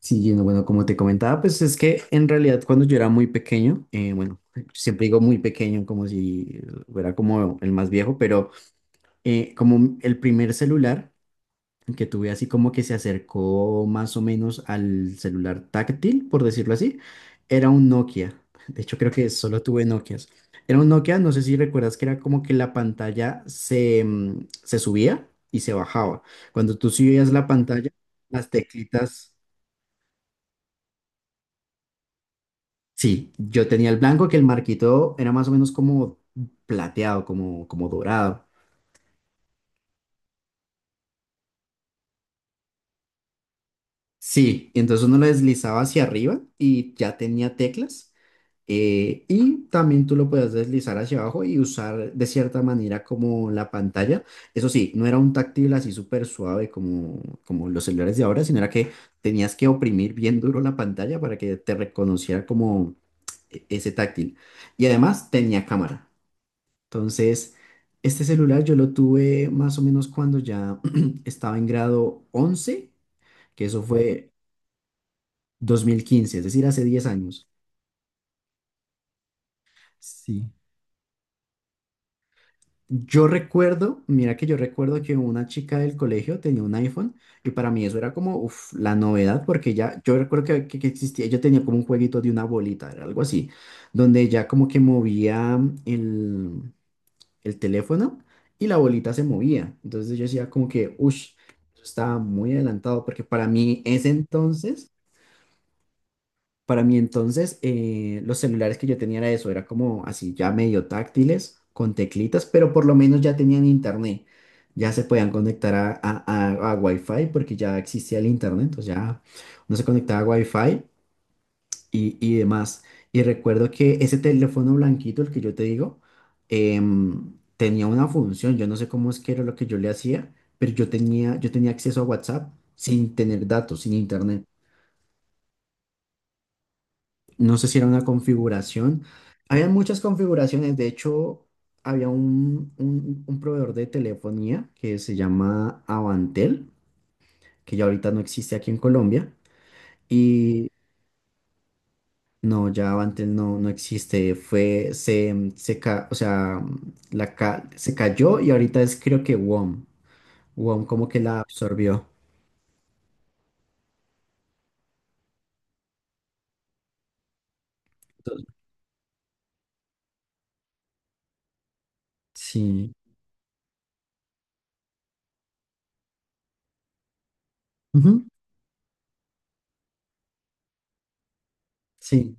Sí, Gino, bueno, como te comentaba, pues es que en realidad cuando yo era muy pequeño, bueno, siempre digo muy pequeño como si fuera como el más viejo, pero como el primer celular que tuve así como que se acercó más o menos al celular táctil, por decirlo así, era un Nokia. De hecho, creo que solo tuve Nokias. Era un Nokia, no sé si recuerdas que era como que la pantalla se subía y se bajaba. Cuando tú subías la pantalla, las teclitas. Sí, yo tenía el blanco que el marquito era más o menos como plateado, como dorado. Sí, entonces uno lo deslizaba hacia arriba y ya tenía teclas. Y también tú lo podías deslizar hacia abajo y usar de cierta manera como la pantalla. Eso sí, no era un táctil así súper suave como los celulares de ahora, sino era que tenías que oprimir bien duro la pantalla para que te reconociera como ese táctil. Y además tenía cámara. Entonces, este celular yo lo tuve más o menos cuando ya estaba en grado 11, que eso fue 2015, es decir, hace 10 años. Sí. Yo recuerdo, mira que yo recuerdo que una chica del colegio tenía un iPhone y para mí eso era como uf, la novedad porque ya, yo recuerdo que existía, yo tenía como un jueguito de una bolita, era algo así, donde ya como que movía el, el teléfono y la bolita se movía. Entonces yo decía como que, uff, eso estaba muy adelantado porque para mí ese entonces, para mí entonces los celulares que yo tenía era eso, era como así ya medio táctiles, con teclitas, pero por lo menos ya tenían internet. Ya se podían conectar a Wi-Fi porque ya existía el internet, entonces ya uno se conectaba a Wi-Fi y demás. Y recuerdo que ese teléfono blanquito, el que yo te digo, tenía una función. Yo no sé cómo es que era lo que yo le hacía, pero yo tenía acceso a WhatsApp sin tener datos, sin internet. No sé si era una configuración. Había muchas configuraciones. De hecho, había un proveedor de telefonía que se llama Avantel, que ya ahorita no existe aquí en Colombia. No, ya Avantel no, no existe. Fue, se, mm, se ca- O sea, se cayó y ahorita es creo que WOM. WOM como que la absorbió. Entonces, sí. Ujú. Sí,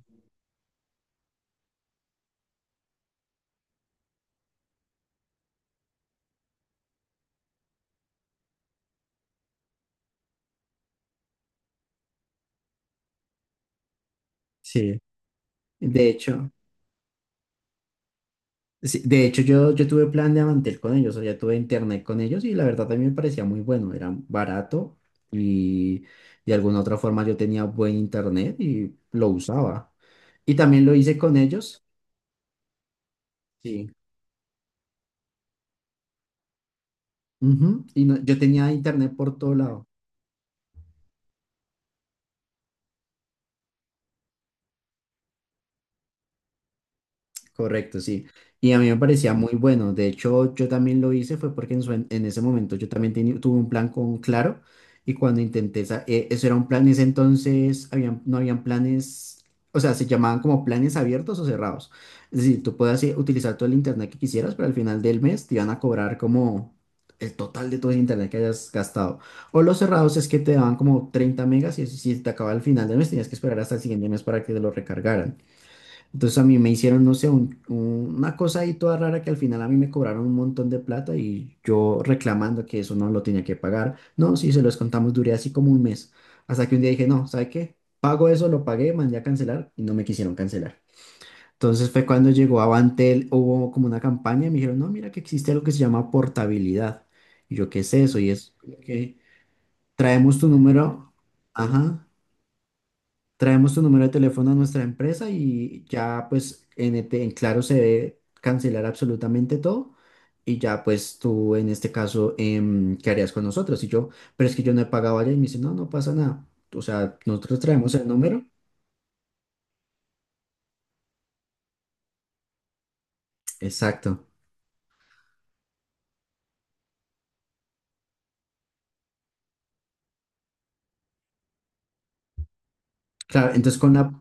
sí. De hecho, sí, de hecho yo tuve plan de Avantel con ellos, o sea, tuve internet con ellos y la verdad también me parecía muy bueno. Era barato y de alguna otra forma yo tenía buen internet y lo usaba. Y también lo hice con ellos. Sí. Ujú. Y yo tenía internet por todo lado. Correcto, sí. Y a mí me parecía muy bueno. De hecho, yo también lo hice, fue porque en ese momento yo también tuve un plan con Claro y cuando intenté, eso era un plan, en ese entonces habían, no habían planes, o sea, se llamaban como planes abiertos o cerrados. Es decir, tú podías utilizar todo el internet que quisieras, pero al final del mes te iban a cobrar como el total de todo el internet que hayas gastado. O los cerrados es que te daban como 30 megas y si te acababa al final del mes tenías que esperar hasta el siguiente mes para que te lo recargaran. Entonces a mí me hicieron, no sé, una cosa ahí toda rara que al final a mí me cobraron un montón de plata y yo reclamando que eso no lo tenía que pagar. No, sí, se los contamos, duré así como un mes. Hasta que un día dije, no, ¿sabe qué? Pago eso, lo pagué, mandé a cancelar y no me quisieron cancelar. Entonces fue cuando llegó Avantel, hubo como una campaña y me dijeron, no, mira que existe algo que se llama portabilidad. Y yo, ¿qué es eso? Y es que traemos tu número, ajá, traemos tu número de teléfono a nuestra empresa y ya pues en, ET en Claro se debe cancelar absolutamente todo y ya pues tú en este caso, ¿qué harías con nosotros? Y yo, pero es que yo no he pagado allá y me dice, no, no pasa nada. O sea, nosotros traemos el número. Exacto. Claro, entonces con la.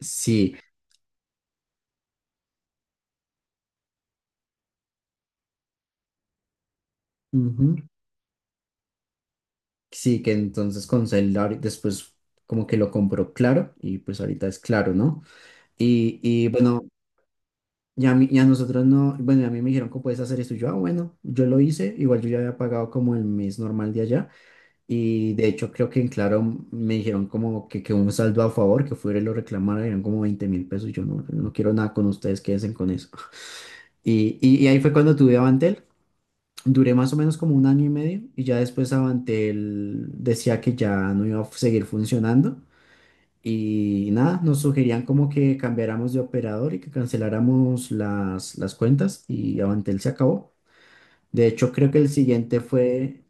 Sí, ujú. Sí, que entonces con celular después como que lo compró Claro y pues ahorita es Claro, ¿no? Y bueno. Y a nosotros no, bueno, y a mí me dijeron, ¿cómo puedes hacer esto? Y yo, ah, bueno, yo lo hice, igual yo ya había pagado como el mes normal de allá, y de hecho creo que en Claro me dijeron como que un saldo a favor, que fuera y lo reclamara, eran como 20.000 pesos, y yo no, no quiero nada con ustedes, quédense con eso. Y ahí fue cuando tuve Avantel, duré más o menos como un año y medio, y ya después Avantel decía que ya no iba a seguir funcionando, y nada, nos sugerían como que cambiáramos de operador y que canceláramos las cuentas y Avantel se acabó. De hecho, creo que el siguiente fue,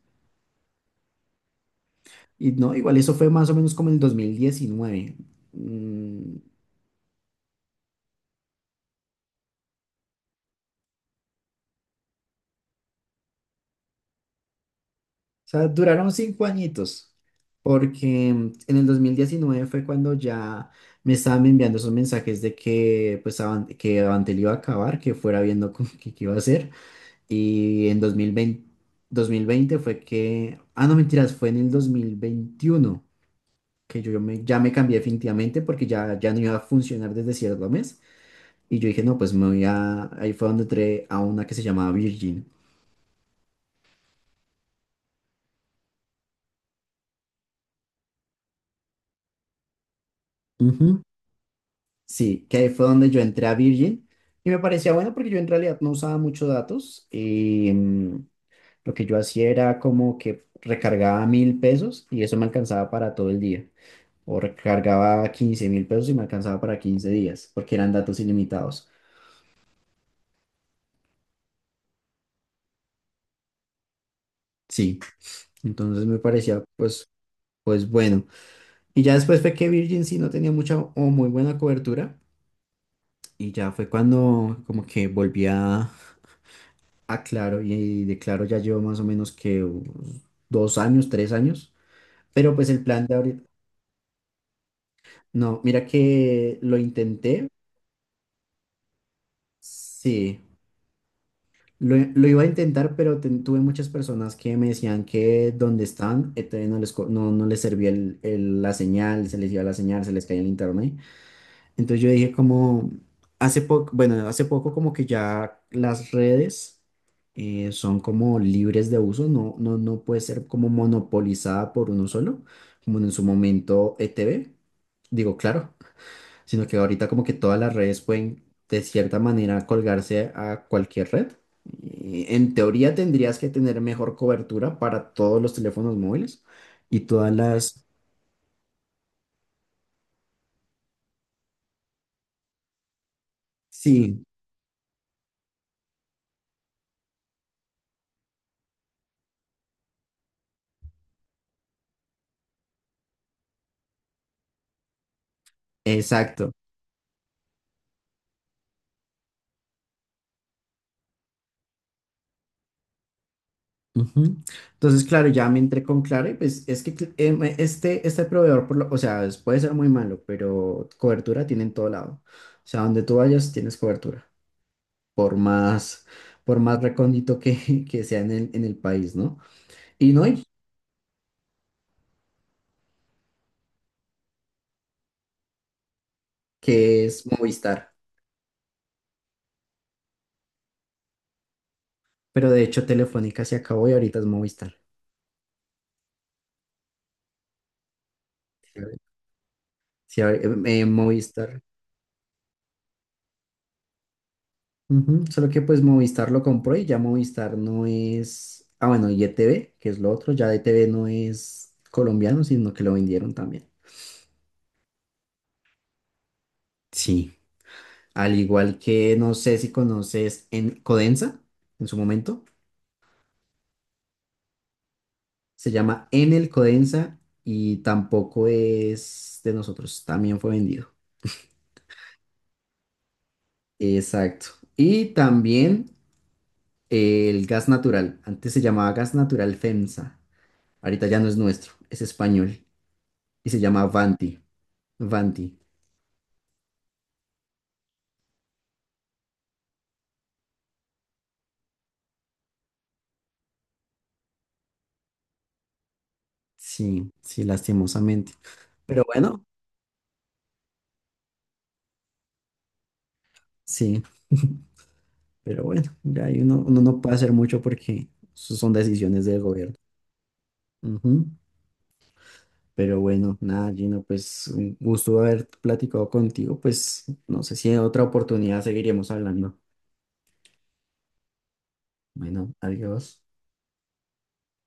y no, igual eso fue más o menos como el 2019. Mm, Sea, duraron 5 añitos, porque en el 2019 fue cuando ya me estaban enviando esos mensajes de que, pues, que Avantel iba a acabar, que fuera viendo qué iba a hacer. Y en dos mil veinte fue que, ah, no, mentiras, fue en el 2021 que ya me cambié definitivamente porque ya no iba a funcionar desde cierto mes. Y yo dije, no, pues me voy a, ahí fue donde entré a una que se llamaba Virgin. Sí, que ahí fue donde yo entré a Virgin y me parecía bueno porque yo en realidad no usaba muchos datos y lo que yo hacía era como que recargaba 1.000 pesos y eso me alcanzaba para todo el día o recargaba 15.000 pesos y me alcanzaba para 15 días porque eran datos ilimitados. Sí, entonces me parecía pues bueno. Y ya después fue que Virgin sí no tenía mucha o muy buena cobertura y ya fue cuando como que volví a. Ah, claro, y de Claro ya llevo más o menos que unos 2 años, 3 años, pero pues el plan de ahorita, no, mira que lo intenté, sí, lo iba a intentar, pero tuve muchas personas que me decían que donde están, todavía no les servía la señal, se les iba la señal, se les caía el internet. Entonces yo dije como, hace poco, bueno, hace poco como que ya las redes son como libres de uso, no, no, no puede ser como monopolizada por uno solo, como en su momento ETV, digo, Claro, sino que ahorita como que todas las redes pueden de cierta manera colgarse a cualquier red. Y en teoría tendrías que tener mejor cobertura para todos los teléfonos móviles y todas las. Sí, exacto. Ujú. Entonces, claro, ya me entré con Claro y pues es que este, proveedor, por o sea, puede ser muy malo, pero cobertura tiene en todo lado. O sea, donde tú vayas tienes cobertura, por más, por más recóndito que, que sea en el país, ¿no? Y no hay, que es Movistar, pero de hecho Telefónica se acabó y ahorita es Movistar. Sí, Movistar. Ujú. Solo que pues Movistar lo compró y ya Movistar no es. Ah, bueno, y ETV, que es lo otro, ya ETV no es colombiano, sino que lo vendieron también. Sí. Al igual que no sé si conoces en Codensa, en su momento, se llama Enel Codensa y tampoco es de nosotros, también fue vendido. Exacto. Y también el gas natural, antes se llamaba gas natural FEMSA, ahorita ya no es nuestro, es español y se llama Vanti. Vanti. Sí, sí, lastimosamente. Pero bueno, sí. Pero bueno, ya ahí uno no puede hacer mucho porque eso son decisiones del gobierno. Ujú. Pero bueno, nada, Gino, pues un gusto haber platicado contigo. Pues no sé si en otra oportunidad seguiremos hablando. Bueno, adiós.